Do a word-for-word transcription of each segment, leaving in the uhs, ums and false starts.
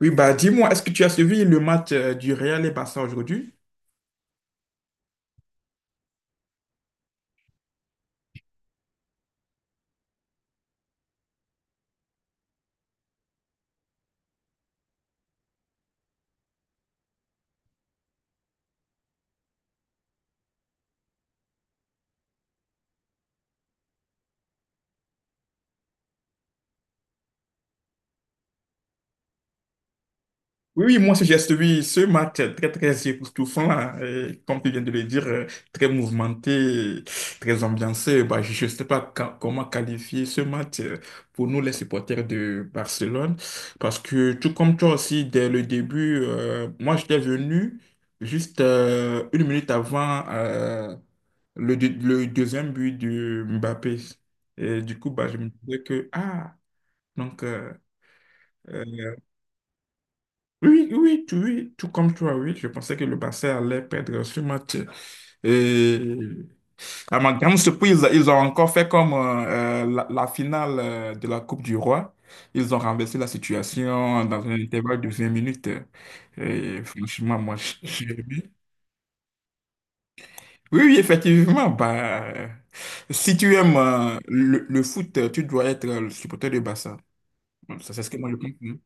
Oui, bah dis-moi, est-ce que tu as suivi le match euh, du Real et Barça aujourd'hui? Oui, oui, moi aussi, j'ai suivi ce match euh, très, très époustouflant, hein, et comme tu viens de le dire, euh, très mouvementé, très ambiancé. Bah, je ne sais pas ca- comment qualifier ce match euh, pour nous, les supporters de Barcelone, parce que tout comme toi aussi, dès le début, euh, moi, j'étais venu juste euh, une minute avant euh, le, deux- le deuxième but de Mbappé. Et du coup, bah, je me disais que, ah, Donc, euh, euh, oui, oui, tu- oui, tout comme toi, oui, je pensais que le Barça allait perdre ce match. Et à ma grande surprise, ils ont encore fait comme euh, euh, la, la finale euh, de la Coupe du Roi. Ils ont renversé la situation dans un intervalle de vingt minutes. Et franchement, moi, j- j'ai aimé. Oui, oui, effectivement, bah, euh, si tu aimes euh, le, le foot, tu dois être le supporter du Barça. Ça, c'est ce que moi, je pense, hein.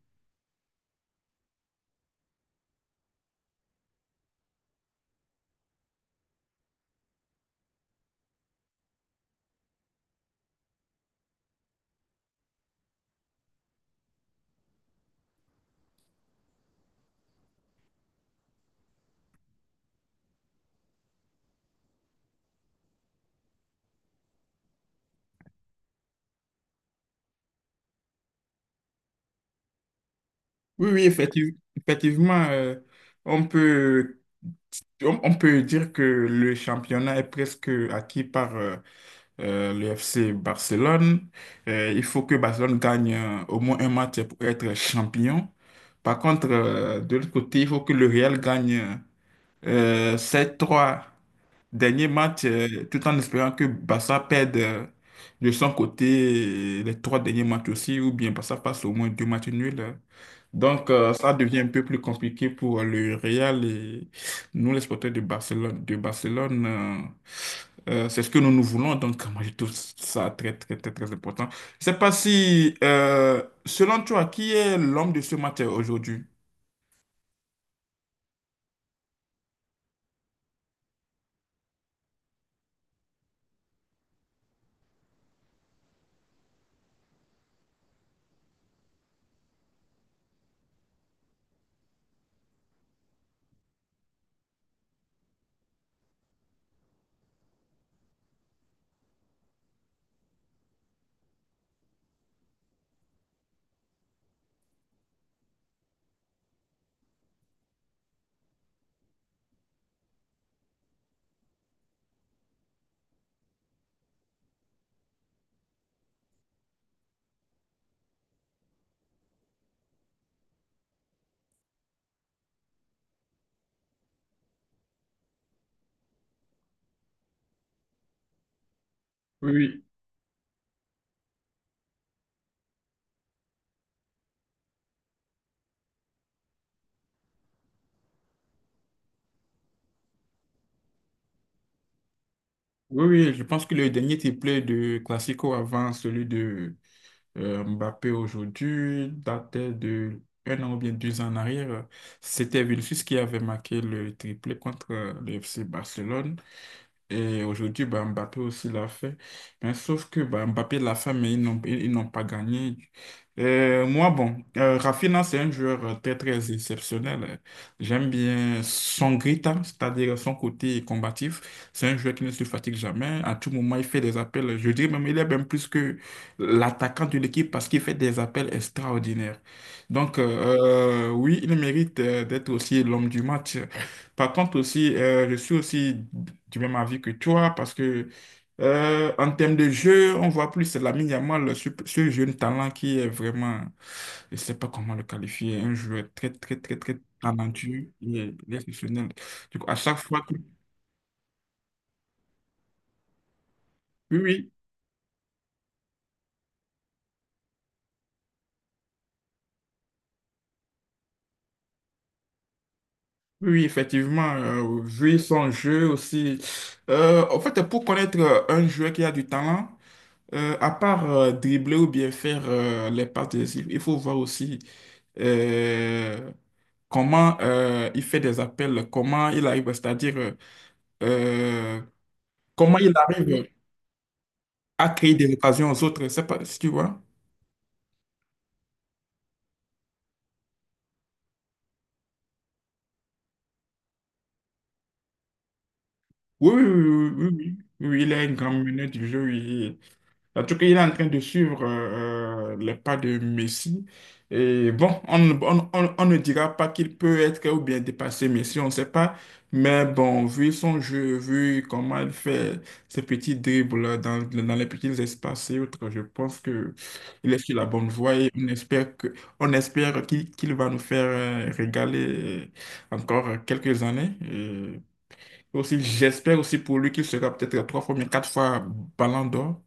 Oui, oui, effective- effectivement, euh, on peut, on, on peut dire que le championnat est presque acquis par euh, euh, le F C Barcelone. Euh, il faut que Barcelone gagne euh, au moins un match pour être champion. Par contre, euh, de l'autre côté, il faut que le Real gagne euh, ses trois derniers matchs euh, tout en espérant que Barça perde euh, de son côté les trois derniers matchs aussi, ou bien Barça passe au moins deux matchs nuls. Euh, donc, euh, ça devient un peu plus compliqué pour le Real et nous, les supporters de Barcelone. De Barcelone, euh, euh, c'est ce que nous nous voulons. Donc, moi, je trouve ça très, très, très, très important. Je sais pas si, euh, selon toi, qui est l'homme de ce match euh, aujourd'hui? Oui, oui. Oui, oui, je pense que le dernier triplé de Classico avant celui de euh, Mbappé aujourd'hui datait de un an ou bien deux ans en arrière. C'était Vinicius qui avait marqué le triplé contre euh, le F C Barcelone. Et aujourd'hui, bah, Mbappé aussi l'a fait. Mais sauf que bah, Mbappé l'a fait, mais ils n'ont ils, ils n'ont pas gagné. Euh, moi, bon, euh, Rafinha, c'est un joueur euh, très, très exceptionnel. J'aime bien son grinta, c'est-à-dire son côté combatif. C'est un joueur qui ne se fatigue jamais. À tout moment, il fait des appels. Je dirais même, il est même plus que l'attaquant de l'équipe parce qu'il fait des appels extraordinaires. Donc, euh, euh, oui, il mérite euh, d'être aussi l'homme du match. Par contre aussi, euh, je suis aussi du même avis que toi parce que euh, en termes de jeu, on voit plus Lamine Yamal, ce, ce jeune talent qui est vraiment, je ne sais pas comment le qualifier, un joueur très, très, très, très talentueux et il est exceptionnel. Du coup, à chaque fois que… Oui, oui, oui, oui, effectivement, euh, vu son jeu aussi. Euh, en fait, pour connaître euh, un joueur qui a du talent, euh, à part euh, dribbler ou bien faire euh, les passes décisives, il faut voir aussi euh, comment euh, il fait des appels, comment il arrive, c'est-à-dire euh, euh, comment il arrive à créer des occasions aux autres. C'est pas si tu vois. Oui, oui, oui, oui, oui, oui, oui, oui, il est un grand meneur du jeu, oui. En tout cas, il est en train de suivre euh, les pas de Messi. Et bon, on, on- on- on ne dira pas qu'il peut être ou bien dépasser Messi, on ne sait pas. Mais bon, vu son jeu, vu comment il fait ses petits dribbles dans, dans les petits espaces et autres, je pense que il est sur la bonne voie et on espère que, on espère qu'il qu'il va nous faire euh, régaler encore quelques années. Et aussi, j'espère aussi pour lui qu'il sera peut-être trois fois, mais quatre fois Ballon d'Or.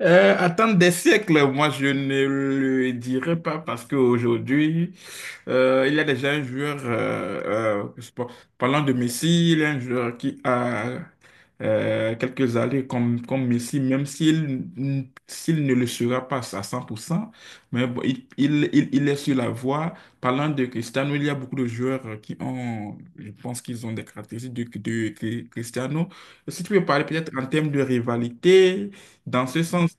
Euh, attendre des siècles, moi je ne le dirais pas parce qu'aujourd'hui, euh, il y a déjà un joueur, euh, euh, je sais pas, parlant de Messi, il y a un joueur qui a euh, quelques années comme, comme Messi, même s'il n- s'il ne le sera pas à cent pour cent, mais bon, il, il, il, il est sur la voie. Parlant de Cristiano, il y a beaucoup de joueurs qui ont, je pense qu'ils ont des caractéristiques de, de Cri- Cristiano. Si tu peux parler peut-être en termes de rivalité, dans ce sens,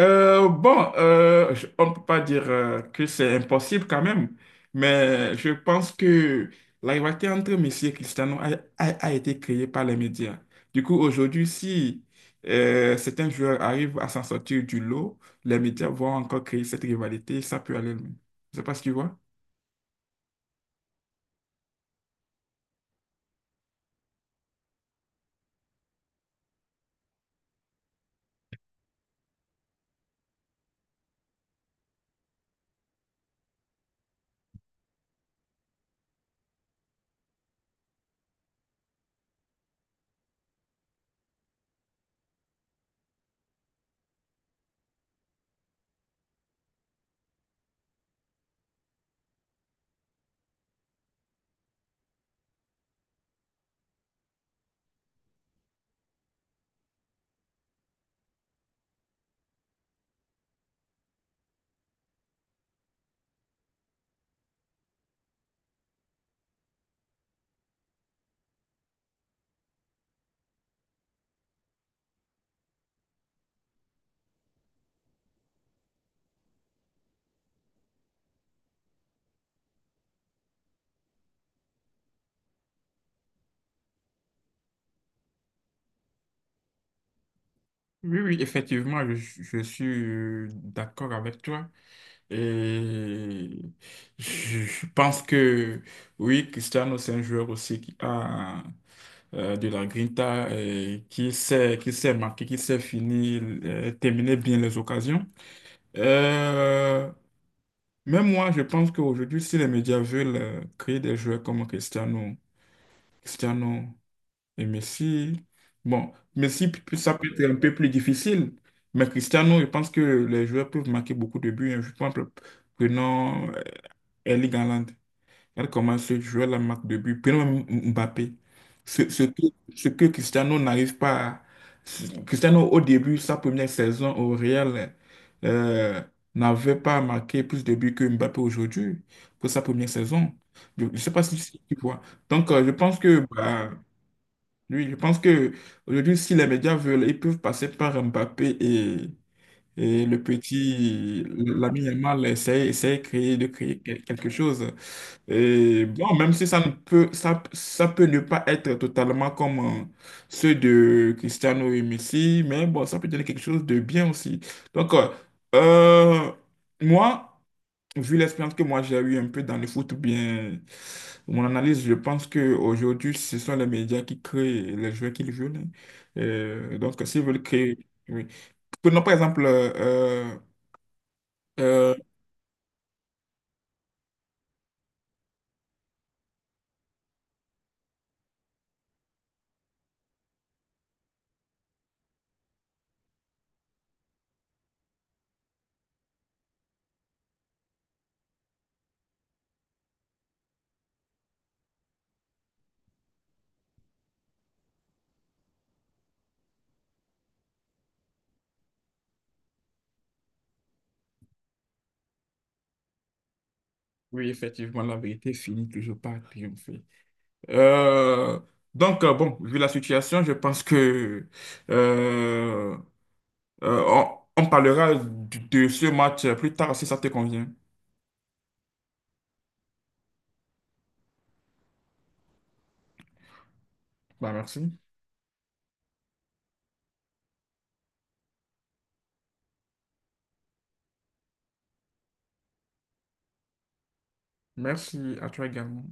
Euh, bon, euh, je- on ne peut pas dire euh, que c'est impossible quand même, mais je pense que la rivalité entre Messi et Cristiano a, a- a été créée par les médias. Du coup, aujourd'hui, si euh, certains joueurs arrivent à s'en sortir du lot, les médias vont encore créer cette rivalité, ça peut aller loin. Je ne sais pas si tu vois. Oui, oui, effectivement, je, je suis d'accord avec toi et je je pense que oui, Cristiano, c'est un joueur aussi qui a euh, de la Grinta et qui sait, qui sait marquer, qui sait finir, euh, terminer bien les occasions. Euh, même moi, je pense qu'aujourd'hui, si les médias veulent euh, créer des joueurs comme Cristiano, Cristiano et Messi, bon, Messi, p- p- ça peut être un peu plus difficile, mais Cristiano, je pense que les joueurs peuvent marquer beaucoup de buts, hein. Je pense, prenons euh, Erling Haaland. Regarde comment ce joueur la marque de but. Prenons même Mbappé. Ce, ce que, ce que Cristiano n'arrive pas à- Cristiano, au début, sa première saison au Real, euh, n'avait pas marqué plus de buts que Mbappé aujourd'hui pour sa première saison. Je ne sais pas si, si tu vois. Donc, euh, je pense que, bah, lui, je pense que aujourd'hui, si les médias veulent, ils peuvent passer par Mbappé et, et le petit l'ami Yamal, essayer, essayer de créer, de créer quel- quelque chose. Et bon, même si ça ne peut, ça, ça peut ne pas être totalement comme euh, ceux de Cristiano et Messi, mais bon, ça peut donner quelque chose de bien aussi. Donc, euh, euh, moi, vu l'expérience que moi j'ai eue un peu dans le foot, ou bien mon analyse, je pense qu'aujourd'hui, ce sont les médias qui créent les joueurs qu'ils veulent, hein. Euh, donc, s'ils veulent créer. Oui. Prenons par exemple. euh, euh, euh, oui, effectivement, la vérité finit toujours par triompher. Euh, donc, euh, bon, vu la situation, je pense que euh, euh, on, on parlera de, de ce match plus tard si ça te convient. Bah, merci. Merci à toi également.